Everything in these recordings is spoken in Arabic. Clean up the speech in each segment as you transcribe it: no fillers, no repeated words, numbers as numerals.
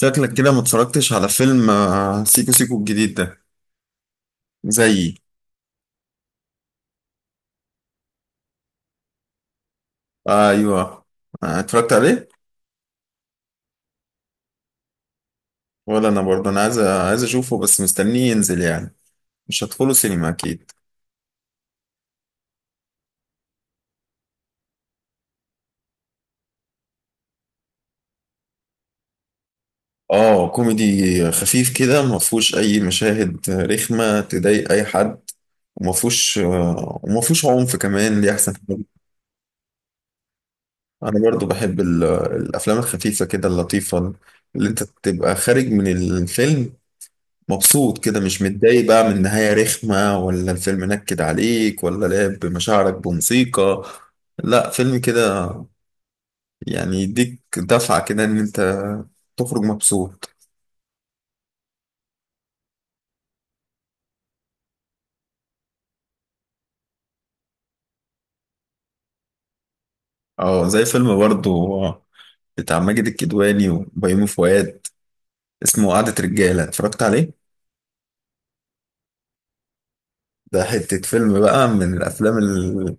شكلك كده ما اتفرجتش على فيلم سيكو سيكو الجديد ده. زيي. ايوه، اتفرجت عليه. ولا انا برضه عايز اشوفه بس مستنيه ينزل يعني. مش هدخله سينما اكيد. اه، كوميدي خفيف كده، ما فيهوش اي مشاهد رخمه تضايق اي حد. وما فيهوش عنف كمان، دي احسن حاجه. انا برضه بحب الافلام الخفيفه كده، اللطيفه، اللي انت تبقى خارج من الفيلم مبسوط كده، مش متضايق بقى من نهاية رخمة، ولا الفيلم نكد عليك، ولا لعب بمشاعرك بموسيقى. لا، فيلم كده يعني يديك دفعة كده ان انت تخرج مبسوط. اه، زي فيلم برضو بتاع ماجد الكدواني وبيومي فؤاد، اسمه قعدة رجالة، اتفرجت عليه. ده حتة فيلم بقى من الافلام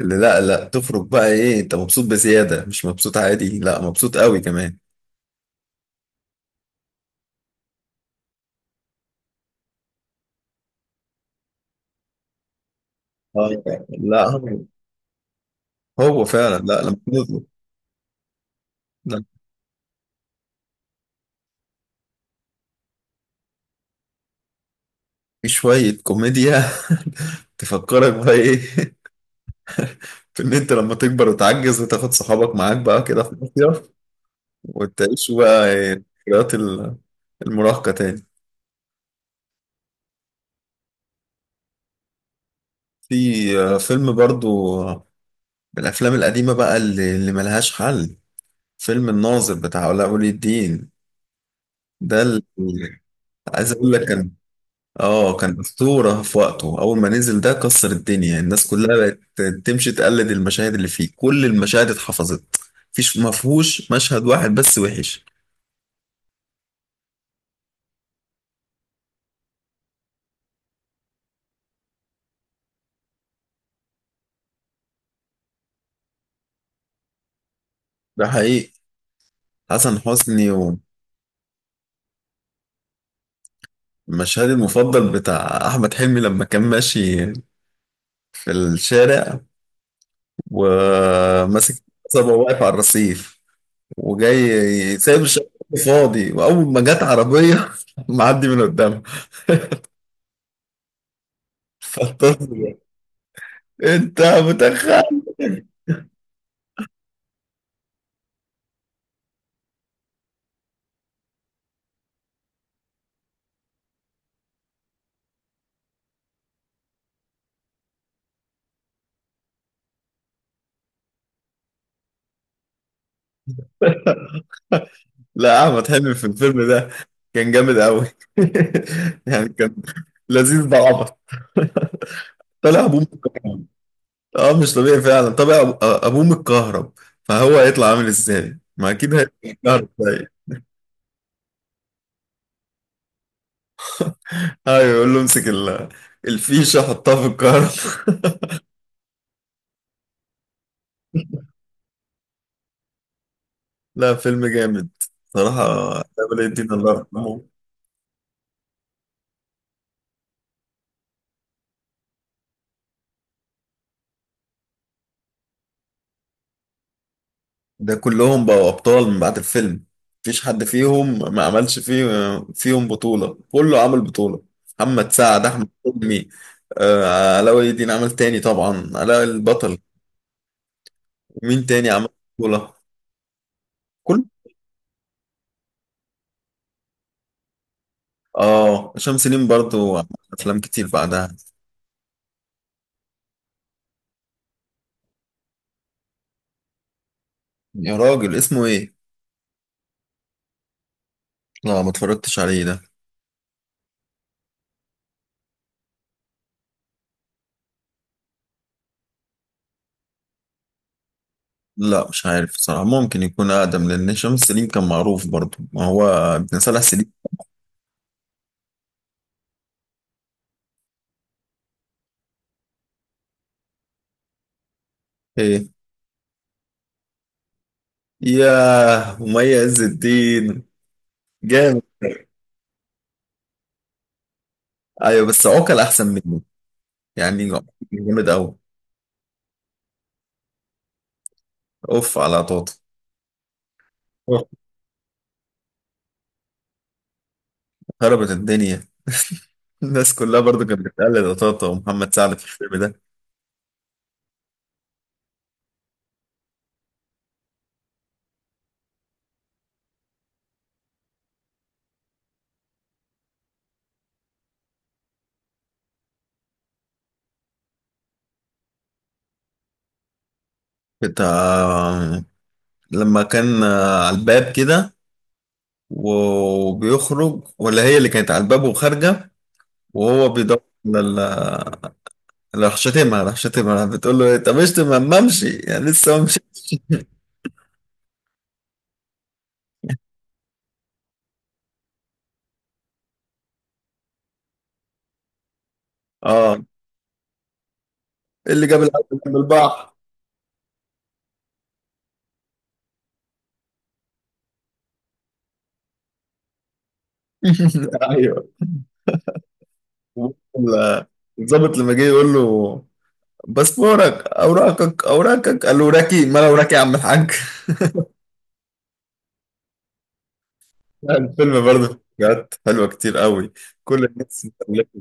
اللي، لا لا، تخرج بقى ايه؟ انت مبسوط بزيادة، مش مبسوط عادي، لا مبسوط قوي كمان. اه. لا، هو فعلا، لا لما بنطلب، في شوية كوميديا تفكرك بقى ايه؟ في ان انت لما تكبر وتعجز وتاخد صحابك معاك بقى كده في مصيف، وتعيشوا بقى إيه، ذكريات المراهقة تاني. في فيلم برضو، من الأفلام القديمة بقى اللي ملهاش حل، فيلم الناظر بتاع علاء ولي الدين. ده اللي عايز أقول لك. كان اه، كان أسطورة في وقته. أول ما نزل ده كسر الدنيا، الناس كلها بقت تمشي تقلد المشاهد اللي فيه، كل المشاهد اتحفظت. مفهوش مشهد واحد بس وحش. ده حقيقي. حسن حسني. ومشهدي المفضل بتاع أحمد حلمي لما كان ماشي في الشارع، وماسك صبا، واقف على الرصيف، وجاي سايب الشارع فاضي، وأول ما جت عربية معدي من قدامها، فالطفل ده، أنت متخلف. لا، احمد حلمي في الفيلم ده كان جامد قوي يعني كان لذيذ. ده عبط. طلع ابوه متكهرب. اه، مش طبيعي فعلا. طلع ابوه متكهرب، فهو هيطلع عامل ازاي؟ ما اكيد هيطلع متكهرب زي. ايوه، يقول له امسك الفيشه حطها في الكهرب لا، فيلم جامد صراحه. علاء ولي الدين الله يرحمه. ده كلهم بقوا أبطال من بعد الفيلم، مفيش حد فيهم ما عملش فيه، فيهم بطولة، كله عمل بطولة. محمد سعد، أحمد حلمي، علاء ولي الدين عمل تاني، طبعا علاء البطل. ومين تاني عمل بطولة؟ كل. اه، هشام سليم برضو عمل أفلام كتير بعدها. يا راجل اسمه إيه؟ لا، ما اتفرجتش عليه ده. لا، مش عارف صراحة. ممكن يكون أقدم، لأن هشام سليم كان معروف برضو، ما هو ابن صلاح سليم. إيه. ياه، ومي عز الدين جامد. ايوه، بس عقل احسن منه. يعني عقل جامد قوي. اوف على طاطا. أوف، خربت الدنيا. الناس كلها برضو كانت بتقلد طاطا ومحمد سعد في الفيلم ده. بتاع لما كان على الباب كده وبيخرج، ولا هي اللي كانت على الباب وخارجه، وهو بيدور على ال- راح شتمها، بتقول له إيه، طب اشتم ما امشي، يعني لسه ما مشيتش. اه. إيه اللي جاب العسل من البحر؟ ايوه. وال- الضابط لما جه يقول له باسبورك، اوراقك، الاوراكي، ما الاوراكي يا عم الحاج. لا، الفيلم برضه بجد حلوة كتير قوي. كل الناس متألفة.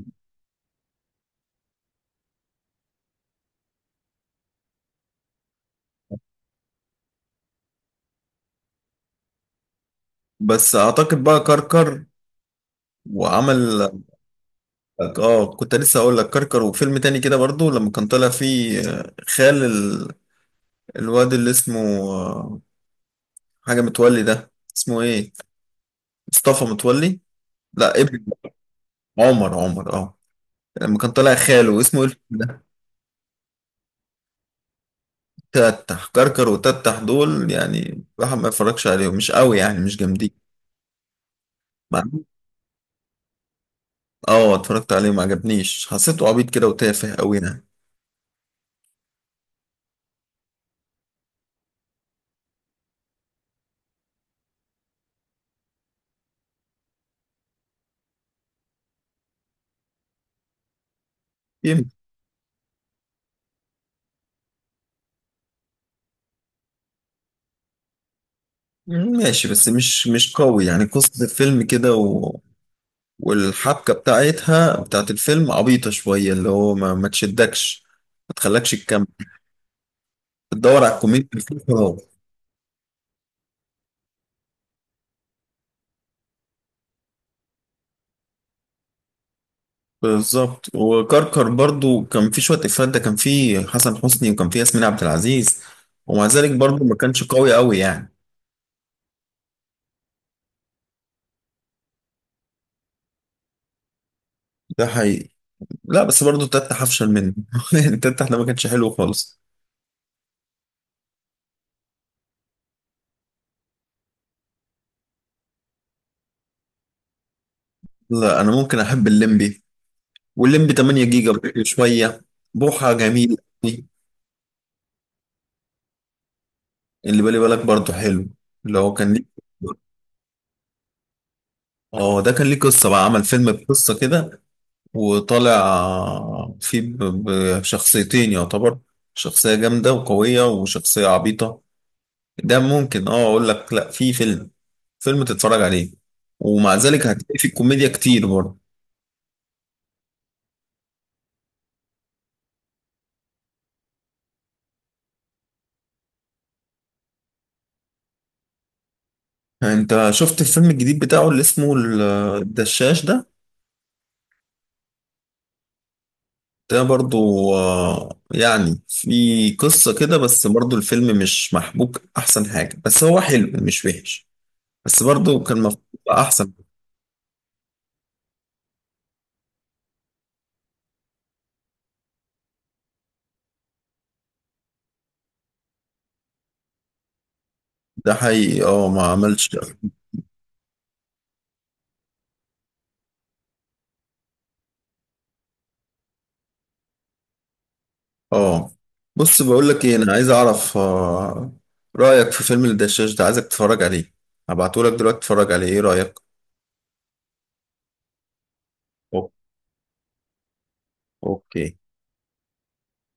بس اعتقد بقى كركر وعمل. اه، كنت لسه اقول لك كركر، وفيلم تاني كده برضه لما كان طالع فيه خال الواد اللي اسمه، آه، حاجة متولي ده، اسمه ايه، مصطفى متولي. لا، ابن. عمر، اه. لما كان طالع خاله اسمه ايه. تتح كركر وتتح، دول يعني الواحد ما يتفرجش عليهم، مش قوي يعني، مش جامدين. مع- اه، اتفرجت عليه، ما عجبنيش. حسيته عبيط كده وتافه قوي يعني. يم- ماشي، بس مش قوي يعني قصة الفيلم كده و... والحبكة بتاعتها، بتاعت الفيلم عبيطة شوية، اللي هو ما تشدكش، ما تخلكش تكمل. تدور على الكوميديا اللي فيه خلاص. بالظبط. وكركر برضو كان في شوية إفيهات، ده كان في حسن حسني وكان في ياسمين عبد العزيز، ومع ذلك برضو ما كانش قوي قوي يعني. ده حقيقي. لا، بس برضه تتح افشل منه يعني تتح ده ما كانش حلو خالص. لا، انا ممكن احب الليمبي، والليمبي 8 جيجا برضه شويه. بوحه جميل قوي. اللي بالي بالك برضه حلو، اللي هو كان ليه. اه، ده كان ليه قصه بقى، عمل فيلم بقصه كده وطالع فيه بشخصيتين يعتبر، شخصيه جامده وقويه وشخصيه عبيطه. ده ممكن اه اقول لك، لا في فيلم تتفرج عليه، ومع ذلك هتلاقي فيه كوميديا كتير برضه. انت شفت الفيلم الجديد بتاعه اللي اسمه الدشاش ده؟ ده برضو يعني في قصة كده، بس برضو الفيلم مش محبوك. احسن حاجة بس هو حلو مش وحش، بس برضو كان المفروض يبقى احسن. ده حقيقي. اه، ما عملش ده. اه، بص بقول لك ايه، انا عايز اعرف رأيك في فيلم الدشاش ده. عايزك تتفرج عليه، هبعته لك دلوقتي تتفرج عليه ايه رأيك. أوك- اوكي.